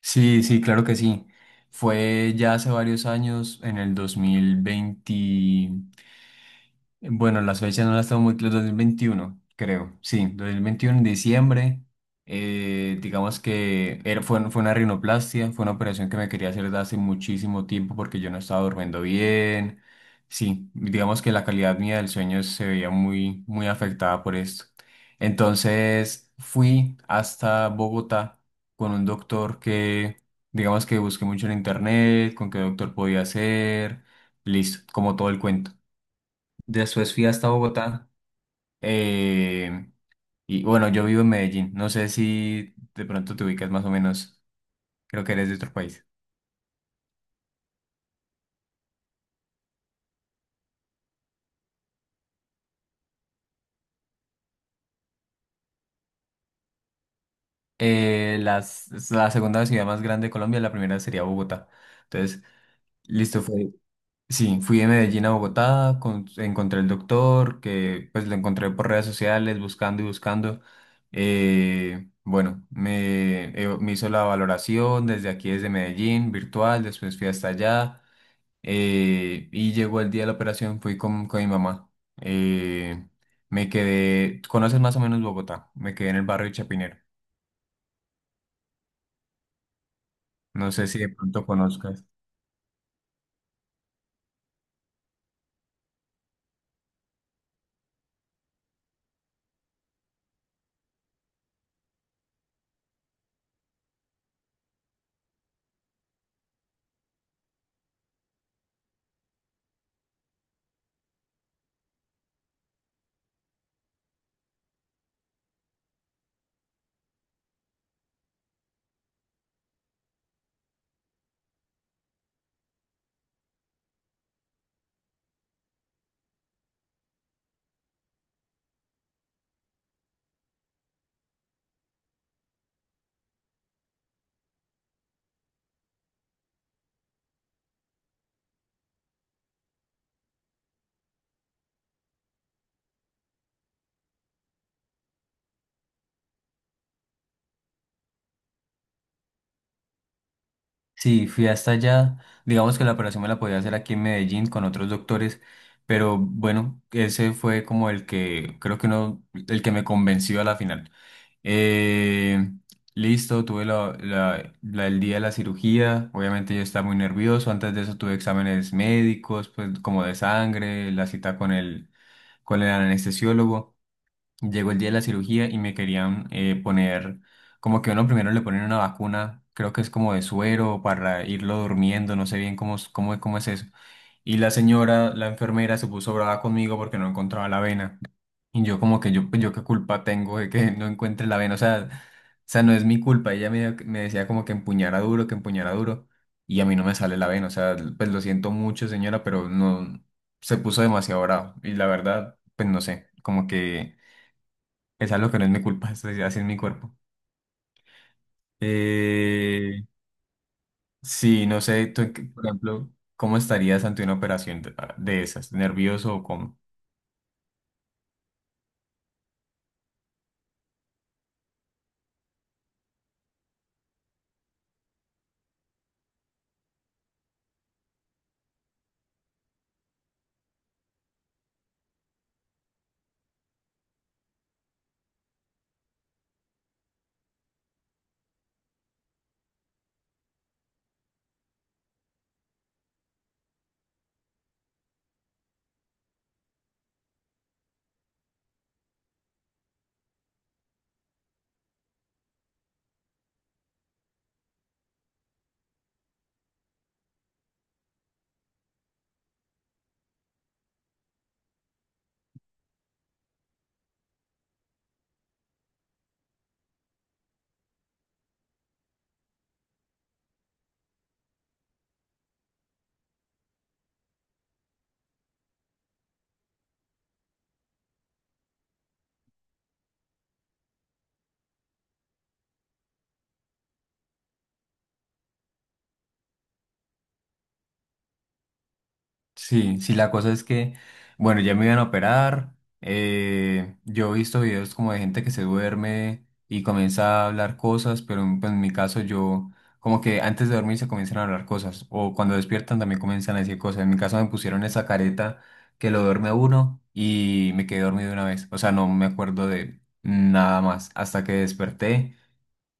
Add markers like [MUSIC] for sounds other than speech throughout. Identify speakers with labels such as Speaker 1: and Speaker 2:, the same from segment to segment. Speaker 1: Sí, sí, claro que sí. Fue ya hace varios años, en el 2020, bueno, las fechas no las tengo muy claras. 2021, creo. Sí, 2021 en diciembre. Digamos que era, fue una rinoplastia, fue una operación que me quería hacer desde hace muchísimo tiempo porque yo no estaba durmiendo bien. Sí, digamos que la calidad mía del sueño se veía muy, muy afectada por esto. Entonces fui hasta Bogotá con un doctor que, digamos que busqué mucho en internet, con qué doctor podía hacer, listo, como todo el cuento. Después fui hasta Bogotá. eh, y bueno, yo vivo en Medellín. No sé si de pronto te ubicas más o menos. Creo que eres de otro país. La segunda ciudad más grande de Colombia, la primera sería Bogotá. Entonces, listo, fue. Sí, fui de Medellín a Bogotá, encontré el doctor, que pues lo encontré por redes sociales, buscando y buscando. Bueno, me hizo la valoración desde aquí, desde Medellín, virtual, después fui hasta allá. Y llegó el día de la operación, fui con mi mamá. Eh, Me quedé, conoces más o menos Bogotá, me quedé en el barrio de Chapinero. No sé si de pronto conozcas. Sí, fui hasta allá. Digamos que la operación me la podía hacer aquí en Medellín con otros doctores, pero bueno, ese fue como el que creo que no, el que me convenció a la final. Eh, Listo, tuve el día de la cirugía. Obviamente yo estaba muy nervioso. Antes de eso tuve exámenes médicos, pues como de sangre, la cita con el anestesiólogo. Llegó el día de la cirugía y me querían poner, como que uno primero le ponen una vacuna, creo que es como de suero para irlo durmiendo, no sé bien cómo, cómo, cómo es eso. Y la señora, la enfermera, se puso brava conmigo porque no encontraba la vena. Y yo como que yo, pues, yo qué culpa tengo de que no encuentre la vena, o sea, no es mi culpa, ella me decía como que empuñara duro, y a mí no me sale la vena, o sea, pues lo siento mucho señora, pero no, se puso demasiado bravo, y la verdad, pues no sé, como que es algo que no es mi culpa, [LAUGHS] decir así es mi cuerpo. Eh, sí, no sé, tú, por ejemplo, ¿cómo estarías ante una operación de esas? ¿Nervioso o cómo? Sí, sí, la cosa es que, bueno, ya me iban a operar. Yo he visto videos como de gente que se duerme y comienza a hablar cosas, pero en, pues, en mi caso yo, como que antes de dormir se comienzan a hablar cosas, o cuando despiertan también comienzan a decir cosas. En mi caso me pusieron esa careta que lo duerme a uno y me quedé dormido de una vez. O sea, no me acuerdo de nada más hasta que desperté.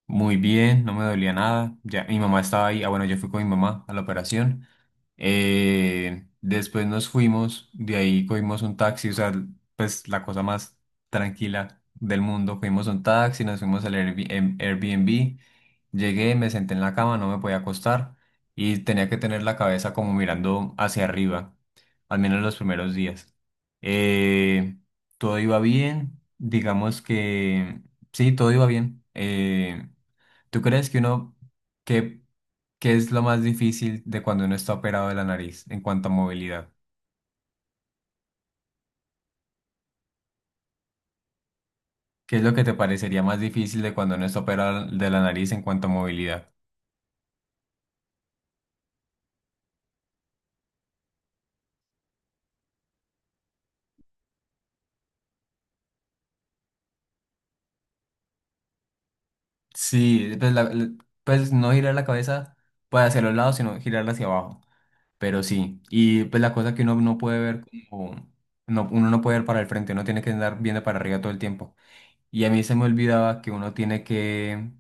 Speaker 1: Muy bien, no me dolía nada. Ya, mi mamá estaba ahí. Ah, bueno, yo fui con mi mamá a la operación. Después nos fuimos, de ahí cogimos un taxi, o sea, pues la cosa más tranquila del mundo. Cogimos un taxi, nos fuimos al Airbnb. Llegué, me senté en la cama, no me podía acostar y tenía que tener la cabeza como mirando hacia arriba, al menos los primeros días. Eh, Todo iba bien, digamos que sí, todo iba bien. ¿Tú crees que uno, qué, qué es lo más difícil de cuando uno está operado de la nariz en cuanto a movilidad? ¿Qué es lo que te parecería más difícil de cuando uno está operado de la nariz en cuanto a movilidad? Sí, pues, pues no girar la cabeza para hacia los lados, sino girarla hacia abajo. Pero sí, y pues la cosa que uno no puede ver, como, no, uno no puede ver para el frente, uno tiene que andar viendo para arriba todo el tiempo. Y a mí se me olvidaba que uno tiene que,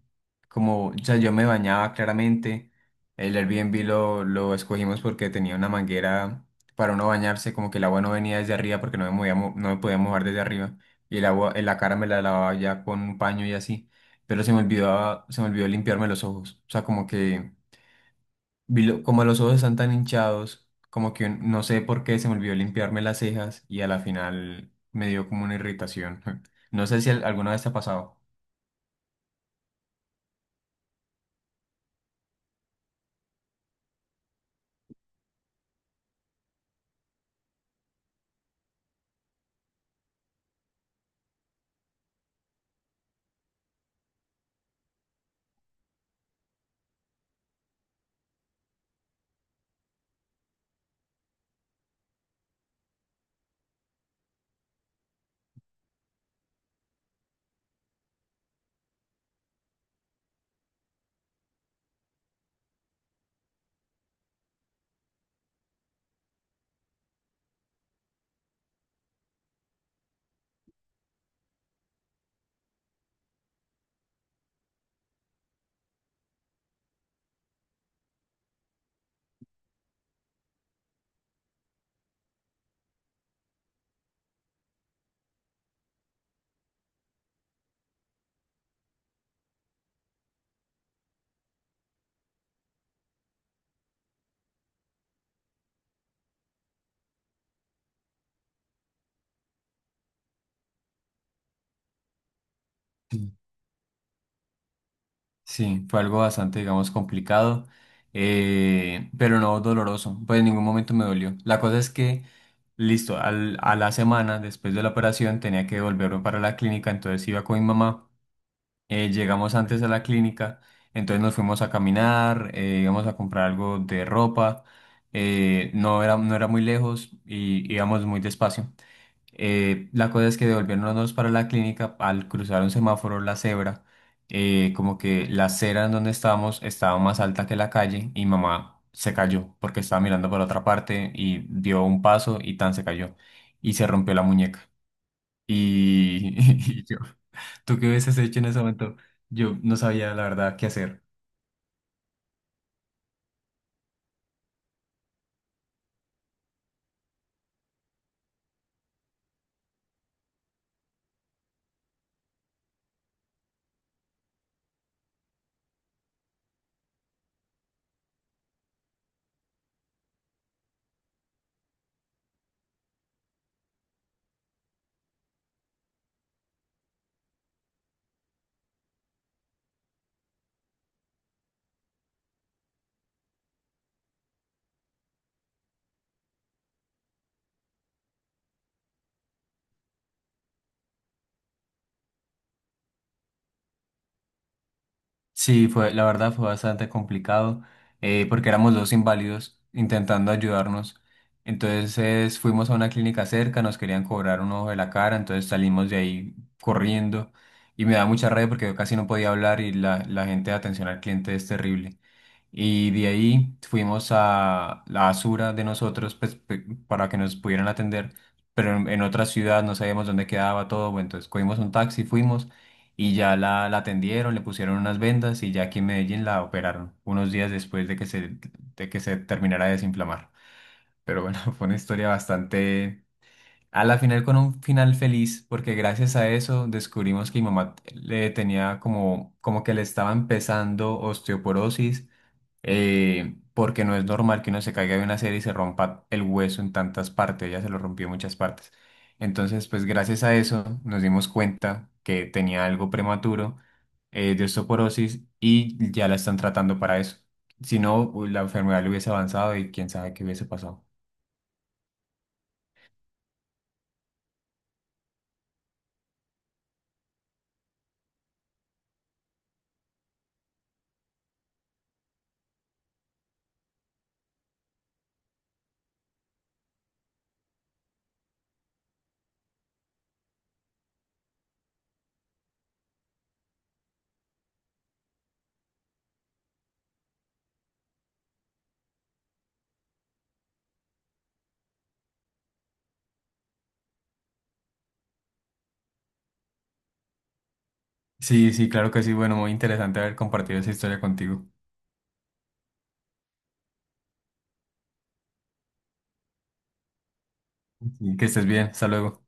Speaker 1: como, o sea, yo me bañaba claramente. El Airbnb lo escogimos porque tenía una manguera para uno bañarse, como que el agua no venía desde arriba porque no me movía no me podía mojar desde arriba. Y el agua, en la cara me la lavaba ya con un paño y así. Pero se me olvidaba, se me olvidó limpiarme los ojos. O sea, como que, como los ojos están tan hinchados, como que no sé por qué se me olvidó limpiarme las cejas y a la final me dio como una irritación. [LAUGHS] No sé si alguna vez te ha pasado. Sí, sí, fue algo bastante, digamos, complicado, pero no doloroso, pues en ningún momento me dolió. La cosa es que, listo, a la semana después de la operación tenía que volverme para la clínica, entonces iba con mi mamá, llegamos antes a la clínica, entonces nos fuimos a caminar, íbamos a comprar algo de ropa, no era muy lejos y íbamos muy despacio. La cosa es que devolviéndonos para la clínica, al cruzar un semáforo, la cebra, como que la acera en donde estábamos estaba más alta que la calle y mamá se cayó porque estaba mirando para otra parte y dio un paso y tan se cayó y se rompió la muñeca. Y, [LAUGHS] y yo, ¿tú qué hubieses hecho en ese momento? Yo no sabía la verdad qué hacer. Sí, fue, la verdad fue bastante complicado porque éramos dos inválidos intentando ayudarnos. Entonces fuimos a una clínica cerca, nos querían cobrar un ojo de la cara, entonces salimos de ahí corriendo y me da mucha rabia porque yo casi no podía hablar y la gente de atención al cliente es terrible. Y de ahí fuimos a la Asura de nosotros pues, para que nos pudieran atender, pero en otra ciudad no sabíamos dónde quedaba todo, bueno, entonces cogimos un taxi, fuimos y ya la atendieron, le pusieron unas vendas y ya aquí en Medellín la operaron unos días después de que se terminara de desinflamar. Pero bueno, [LAUGHS] fue una historia bastante... A la final con un final feliz, porque gracias a eso descubrimos que mi mamá le tenía como, como que le estaba empezando osteoporosis porque no es normal que uno se caiga de una serie y se rompa el hueso en tantas partes, ella se lo rompió en muchas partes. Entonces, pues gracias a eso nos dimos cuenta que tenía algo prematuro de osteoporosis y ya la están tratando para eso. Si no, uy, la enfermedad le hubiese avanzado y quién sabe qué hubiese pasado. Sí, sí, claro que sí. Bueno, muy interesante haber compartido esa historia contigo. Sí, que estés bien. Hasta luego.